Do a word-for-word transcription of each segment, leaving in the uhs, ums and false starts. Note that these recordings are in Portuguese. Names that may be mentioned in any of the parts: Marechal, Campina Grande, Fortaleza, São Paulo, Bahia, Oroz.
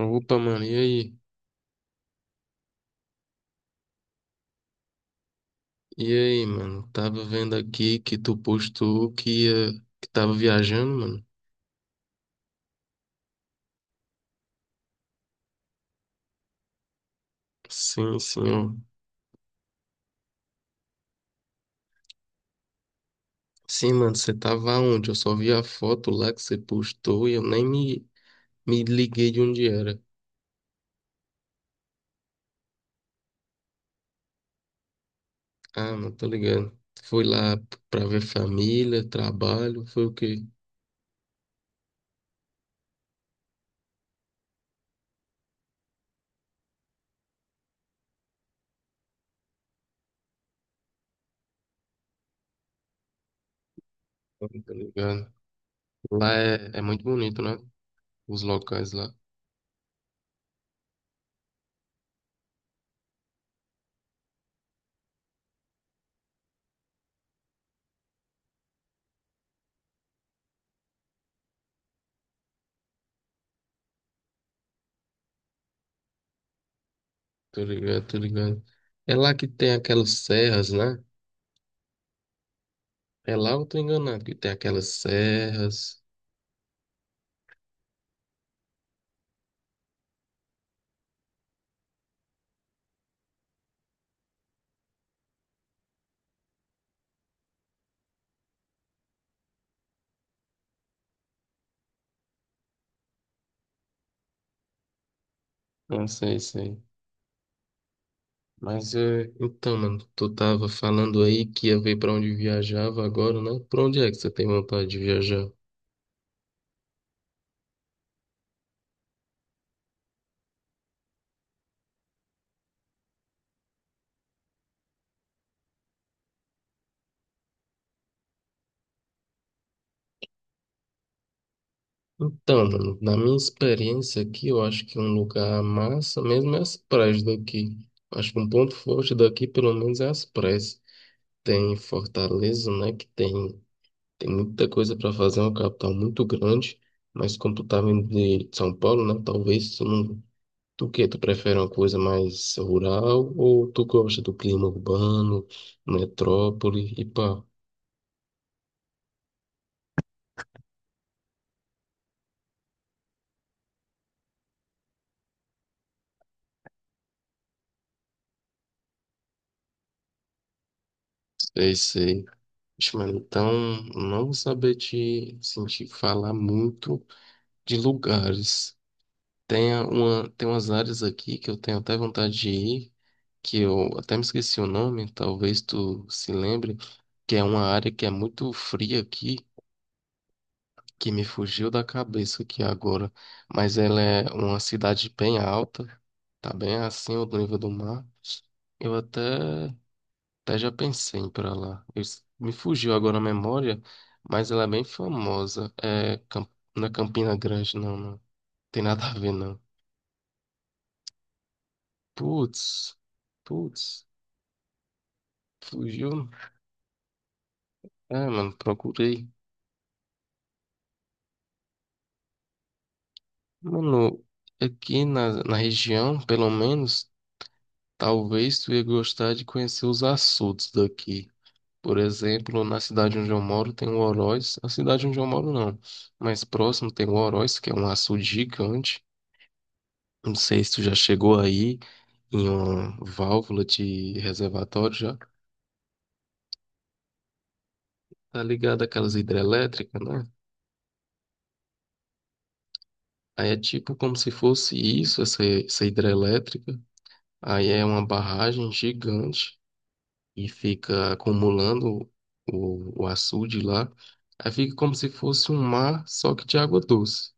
Opa, mano, e aí? E aí, mano? Tava vendo aqui que tu postou que ia, que tava viajando, mano. Sim, senhor. Sim, mano, você tava onde? Eu só vi a foto lá que você postou e eu nem me, me liguei de onde era. Ah, mano, tô ligado. Foi lá pra ver família, trabalho, foi o quê? Ah, tô ligado. Lá é, é muito bonito, né? Os locais lá. Tô ligado, tô ligado. É lá que tem aquelas serras, né? É lá eu tô enganado, que tem aquelas serras. Não sei, sei. Mas é. Então, mano, tu tava falando aí que ia ver pra onde viajava agora, né? Pra onde é que você tem vontade de viajar? Então, mano, na minha experiência aqui, eu acho que um lugar massa mesmo é as praias daqui. Acho que um ponto forte daqui, pelo menos, é as praias. Tem Fortaleza, né? Que tem, tem muita coisa para fazer, é uma capital muito grande. Mas como tu tava vindo de São Paulo, né? Talvez tu não. Tu que tu prefere uma coisa mais rural ou tu gosta do clima urbano, metrópole e pá? Sei, sei. Ixi, mano, então não vou saber te sentir falar muito de lugares. Tem a- uma, tem umas áreas aqui que eu tenho até vontade de ir, que eu até me esqueci o nome, talvez tu se lembre, que é uma área que é muito fria aqui, que me fugiu da cabeça aqui agora, mas ela é uma cidade bem alta, tá bem acima do nível do mar. Eu até, até já pensei em ir pra lá. Eu s- me fugiu agora a memória, mas ela é bem famosa. É, Cam- não é Campina Grande, não, não. Tem nada a ver, não. Putz, putz, fugiu. É, mano, procurei. Mano, aqui na, na região, pelo menos, talvez tu ia gostar de conhecer os açudes daqui. Por exemplo, na cidade onde eu moro tem o Oroz. A cidade onde eu moro não, mas próximo tem o Oroz, que é um açude gigante. Não sei se tu já chegou aí em uma válvula de reservatório já. Tá ligado aquelas hidrelétricas, né? Aí é tipo como se fosse isso, essa, essa hidrelétrica. Aí é uma barragem gigante e fica acumulando o, o açude lá. Aí fica como se fosse um mar, só que de água doce.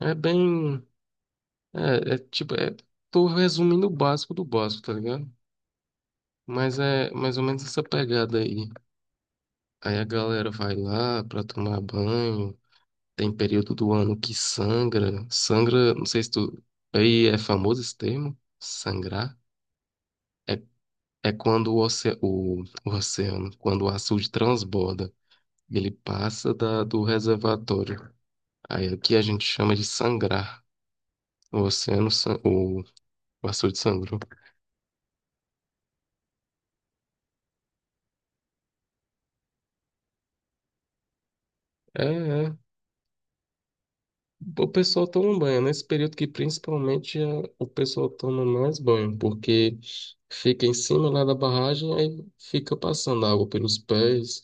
É bem. É, é tipo, é, tô resumindo o básico do básico, tá ligado? Mas é mais ou menos essa pegada aí. Aí a galera vai lá pra tomar banho. Tem período do ano que sangra. Sangra, não sei se tu. Aí é famoso esse termo, sangrar. É, é quando o, oce, o, o oceano, quando o açude transborda, ele passa da, do reservatório. Aí aqui a gente chama de sangrar. O oceano, san- o, o açude sangrou. É, é. O pessoal toma banho, nesse período que principalmente eh, o pessoal toma mais banho, porque fica em cima lá da barragem, aí fica passando água pelos pés,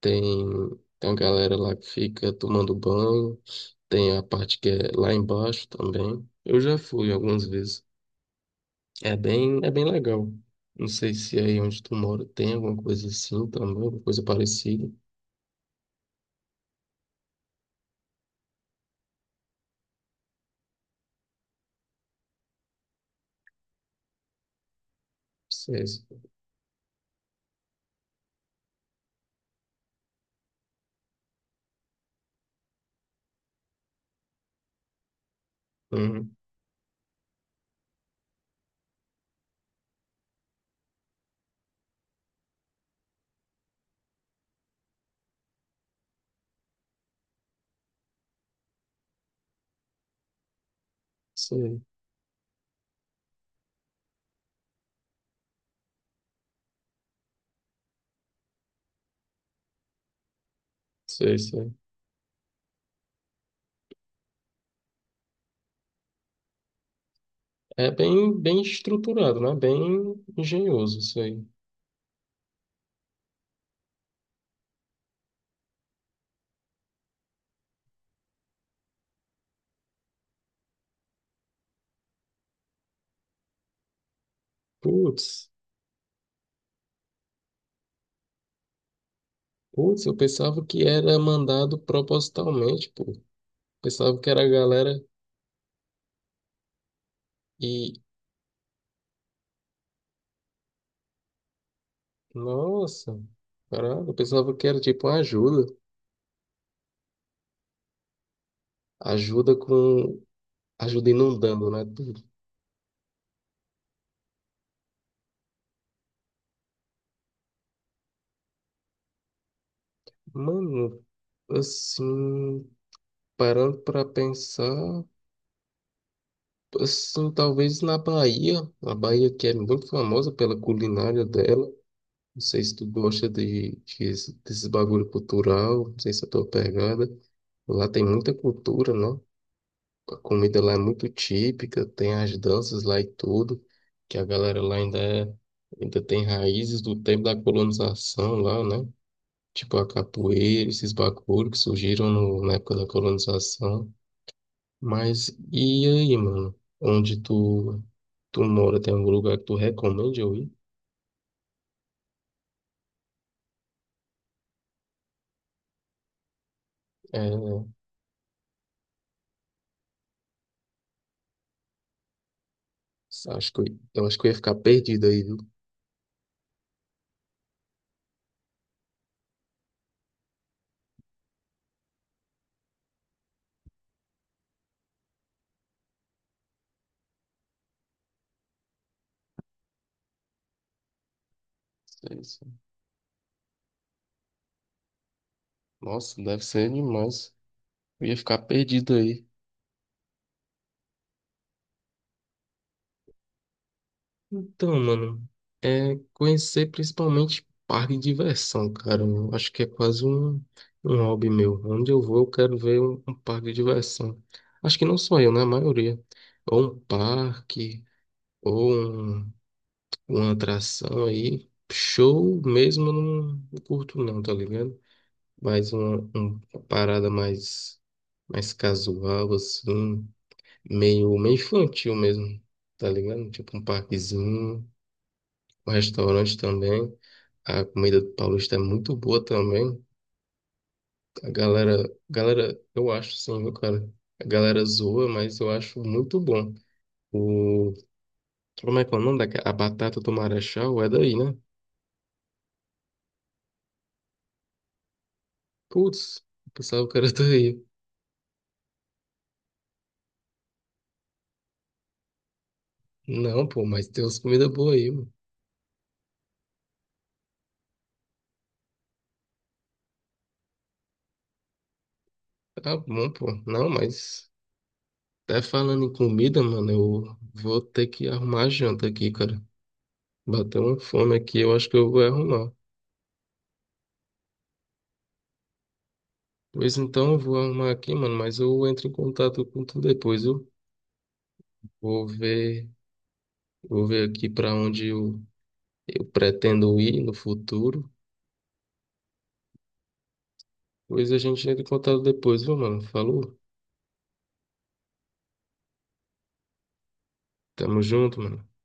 tem, tem a galera lá que fica tomando banho, tem a parte que é lá embaixo também. Eu já fui algumas vezes, é bem, é bem legal. Não sei se aí onde tu mora tem alguma coisa assim também, alguma coisa parecida. Sei, sei, uhum, sei, sei, sei. É bem, bem estruturado, né? Bem engenhoso isso aí. Putz, putz, eu pensava que era mandado propositalmente, pô. Pensava que era a galera e. Nossa, caralho, eu pensava que era tipo uma ajuda. Ajuda com. Ajuda inundando, né? Tudo. Mano, assim, parando pra pensar, assim, talvez na Bahia, a Bahia que é muito famosa pela culinária dela. Não sei se tu gosta de, de- desses bagulho cultural, não sei se é a tua pegada. Lá tem muita cultura, não? A comida lá é muito típica, tem as danças lá e tudo, que a galera lá ainda é, ainda tem raízes do tempo da colonização lá, né? Tipo a capoeira, esses bagulho que surgiram no- na época da colonização. Mas e aí, mano? Onde tu, tu mora, tem algum lugar que tu recomende eu ir? É, acho que eu, eu acho que eu ia ficar perdido aí, viu? Sei, sei. Nossa, deve ser demais. Eu ia ficar perdido aí. Então, mano, é conhecer principalmente parque de diversão, cara. Eu acho que é quase um, um hobby meu. Onde eu vou, eu quero ver um, um parque de diversão. Acho que não só eu, né? A maioria. Ou um parque, ou um- uma atração aí. Show mesmo eu não não curto não, tá ligado? Mas uma, uma parada mais, mais casual, assim, meio, meio infantil mesmo, tá ligado? Tipo um parquezinho, um restaurante também. A comida do Paulista é muito boa também. A galera, galera, eu acho sim, viu, cara? A galera zoa, mas eu acho muito bom. O, como é que é o nome daquela? A batata do Marechal é daí, né? Putz, eu pensava que era daí. Não, pô, mas tem umas comidas boas aí, mano. Tá bom, pô. Não, mas. Até falando em comida, mano, eu vou ter que arrumar a janta aqui, cara. Bateu uma fome aqui, eu acho que eu vou arrumar. Pois então, eu vou arrumar aqui, mano, mas eu entro em contato com tu depois, eu vou ver, vou ver aqui pra onde eu, eu pretendo ir no futuro. Pois a gente entra em contato depois, viu, mano? Falou? Tamo junto, mano.